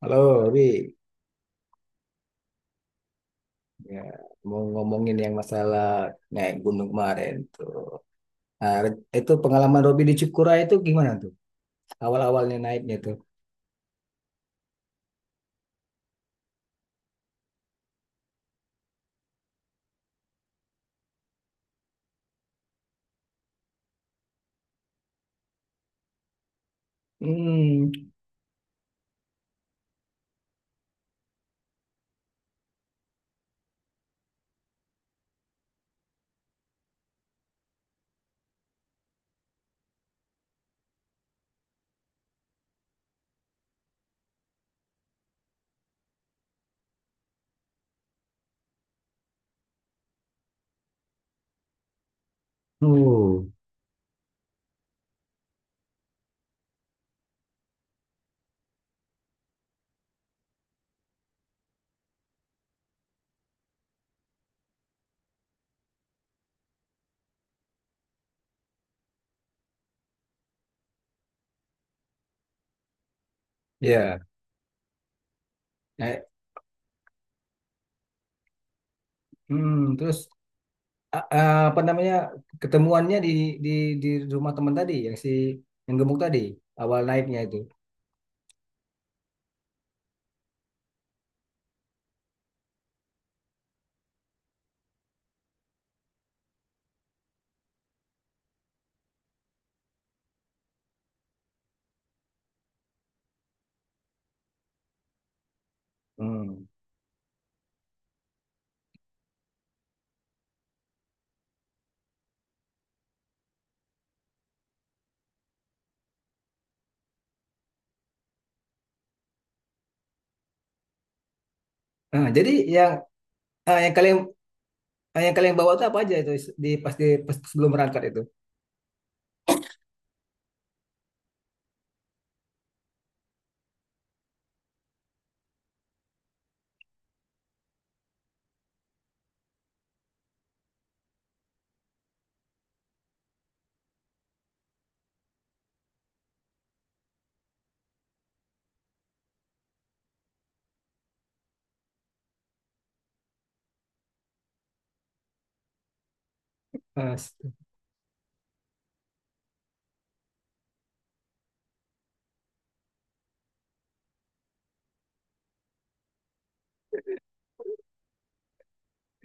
Halo, Wi. Ya, mau ngomongin yang masalah naik gunung kemarin tuh. Nah, itu pengalaman Robi di Cikura itu gimana tuh? Awal-awalnya naiknya tuh. Hmm, uh, ya. Naik. Hmm, terus apa namanya ketemuannya di di rumah teman tadi yang si yang gemuk tadi awal naiknya itu. Hmm. Nah, jadi yang ah, yang kalian ah, yang kalian bawa tuh apa aja itu di pas sebelum berangkat itu? Ah,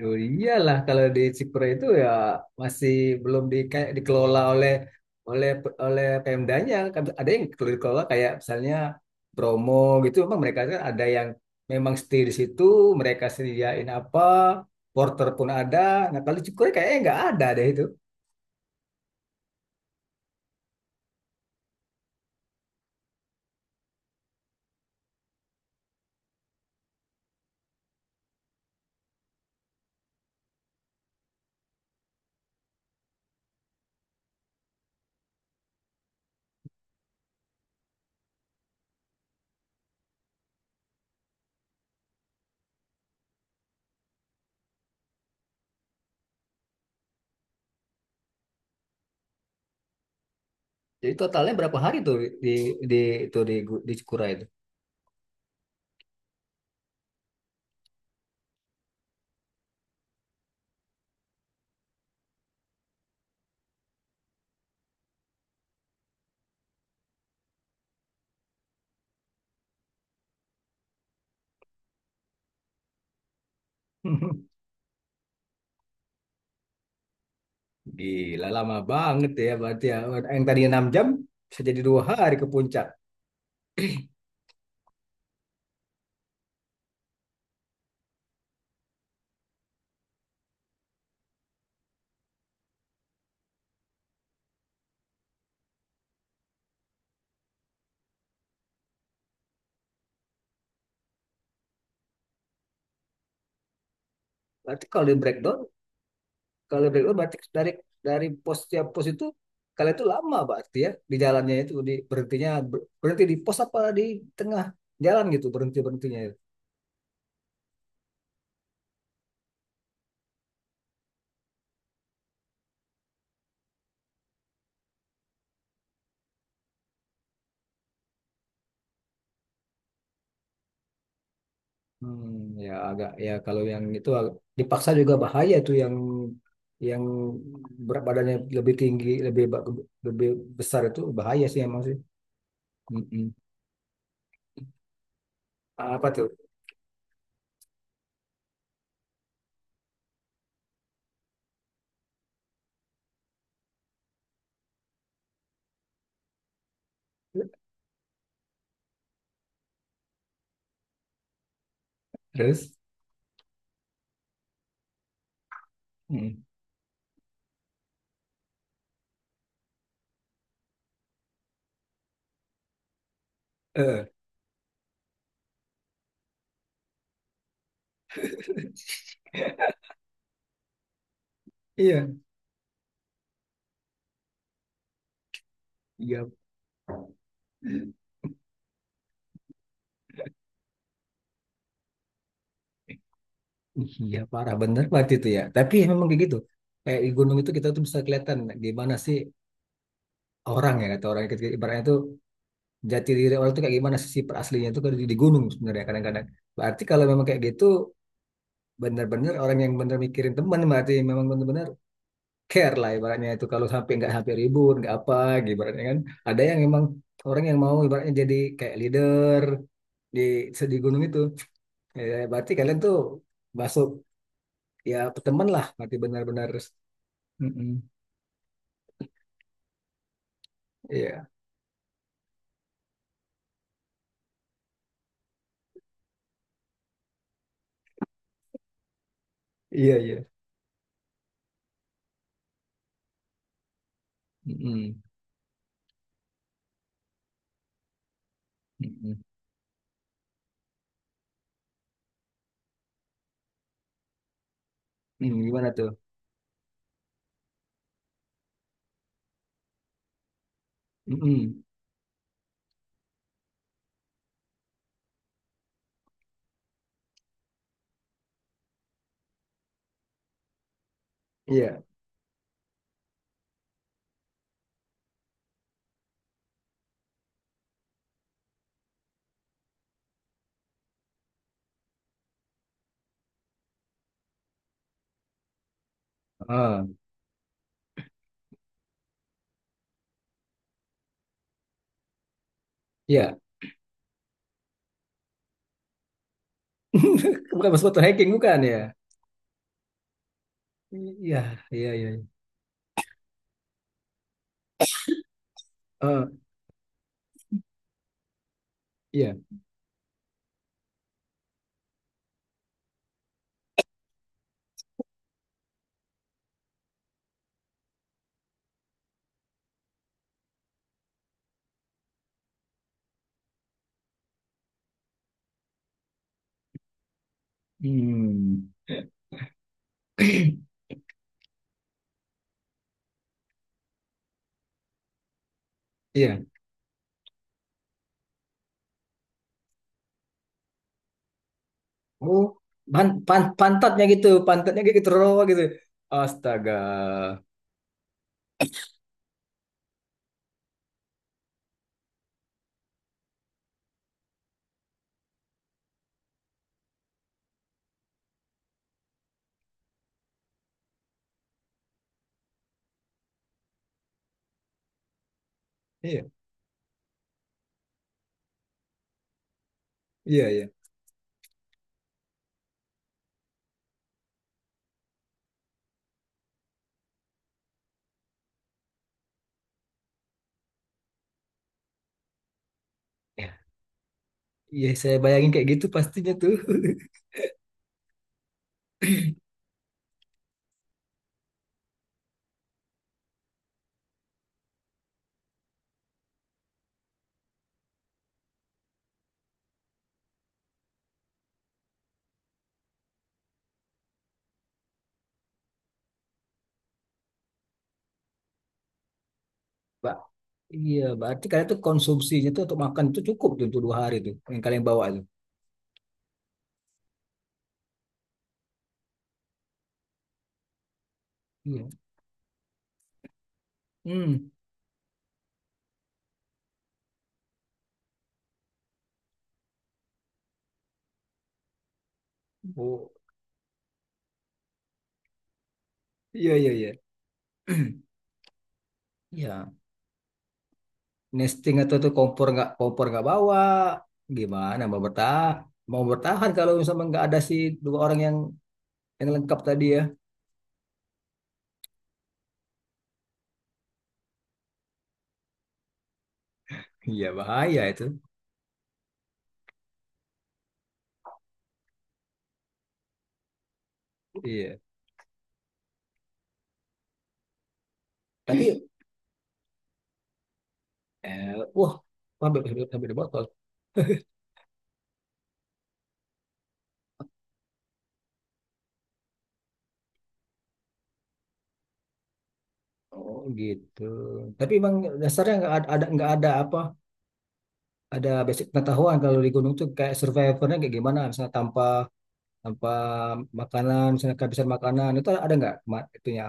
oh iyalah kalau di Cipre itu ya masih belum di, kayak dikelola oleh oleh oleh Pemdanya. Kan ada yang perlu dikelola kayak misalnya Bromo gitu. Memang mereka kan ada yang memang stay di situ, mereka sediain apa, porter pun ada. Nah kalau di Cikura kayaknya nggak ada deh itu. Jadi totalnya berapa hari tuh di di itu di Cikura itu? Gila lama banget ya berarti ya. Yang tadinya 6 jam bisa jadi dua hari ke puncak. Berarti kalau di breakdown kalau dari oh, berarti dari pos tiap pos itu kalian itu lama berarti ya di jalannya itu di berhentinya berhenti di pos apa di tengah jalan gitu berhenti berhentinya. Ya? Hmm, ya agak ya kalau yang itu agak, dipaksa juga bahaya tuh yang berat badannya lebih tinggi lebih besar itu bahaya sih emang sih. Mm-mm. Apa tuh? Terus? Mm. Eh, iya. Iya. Iya parah bener banget itu ya. Tapi ya memang kayak gitu. Kayak di gunung itu kita tuh bisa kelihatan gimana sih orang ya kata orang kita ibaratnya tuh jati diri orang tuh kayak gimana sih sifat aslinya tuh kalau di gunung sebenarnya kadang-kadang. Berarti kalau memang kayak gitu bener-bener orang yang bener mikirin teman berarti memang bener-bener care lah ibaratnya itu kalau sampai nggak sampai ribut nggak apa gitu ibaratnya kan. Ada yang memang orang yang mau ibaratnya jadi kayak leader di di gunung itu. Ya, berarti kalian tuh masuk ya teman lah berarti benar-benar mm-mm. Iya, iya, iya. Mm-mm. Mm-mm. Mm, gimana tuh? Mm-mm. Iya. Ah, iya. Bukan masuk foto hacking, bukan ya? Iya, iya, iya. Ah, iya. Hmm. Iya. Oh, pan, pan, pantatnya gitu, pantatnya kayak gitu, raw gitu. Astaga. Iya, iya, iya. Ya, iya, saya bayangin kayak gitu pastinya tuh. Pak, iya, berarti kalian tuh konsumsinya tuh untuk makan tuh cukup tuh untuk dua hari tuh yang kalian bawa tuh. Iya. Hmm. Oh, iya iya iya. Ya, nesting atau tuh kompor nggak bawa, gimana mau bertahan? Mau bertahan kalau misalnya nggak ada si dua orang yang lengkap tadi ya. Iya bahaya itu. Iya. Tapi eh, wah, sampai sampai sampai di botol. Oh gitu. Tapi emang dasarnya nggak ada apa? Ada basic pengetahuan kalau di gunung tuh kayak survivornya kayak gimana? Misalnya tanpa tanpa makanan, misalnya kehabisan makanan itu ada nggak itunya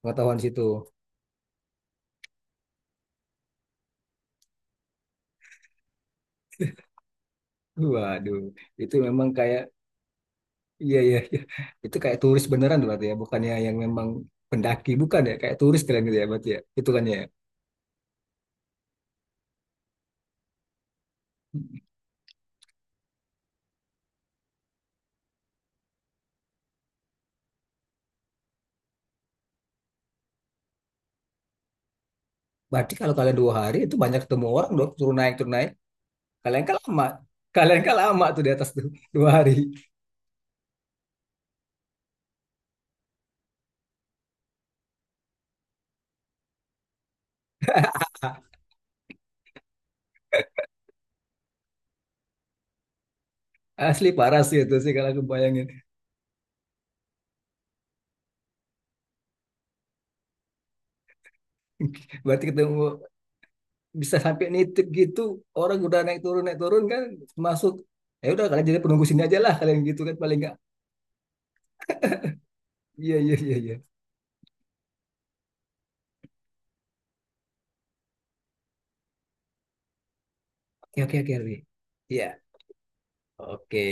pengetahuan di situ? Waduh, itu memang kayak iya iya iya. Itu kayak turis beneran tuh berarti ya, bukannya yang memang pendaki bukan ya, kayak turis kalian gitu ya berarti ya. Itu kan ya. Berarti kalau kalian dua hari itu banyak ketemu orang dong, turun naik turun naik. Kalian kan lama, kalian kan lama tuh di atas tuh dua hari. Asli parah sih itu sih kalau aku bayangin. Berarti ketemu bisa sampai nitip gitu, orang udah naik turun kan masuk. Ya udah kalian jadi penunggu sini aja lah kalian gitu kan paling nggak. Iya iya iya iya. Oke oke oke. Ardi. Iya. Oke.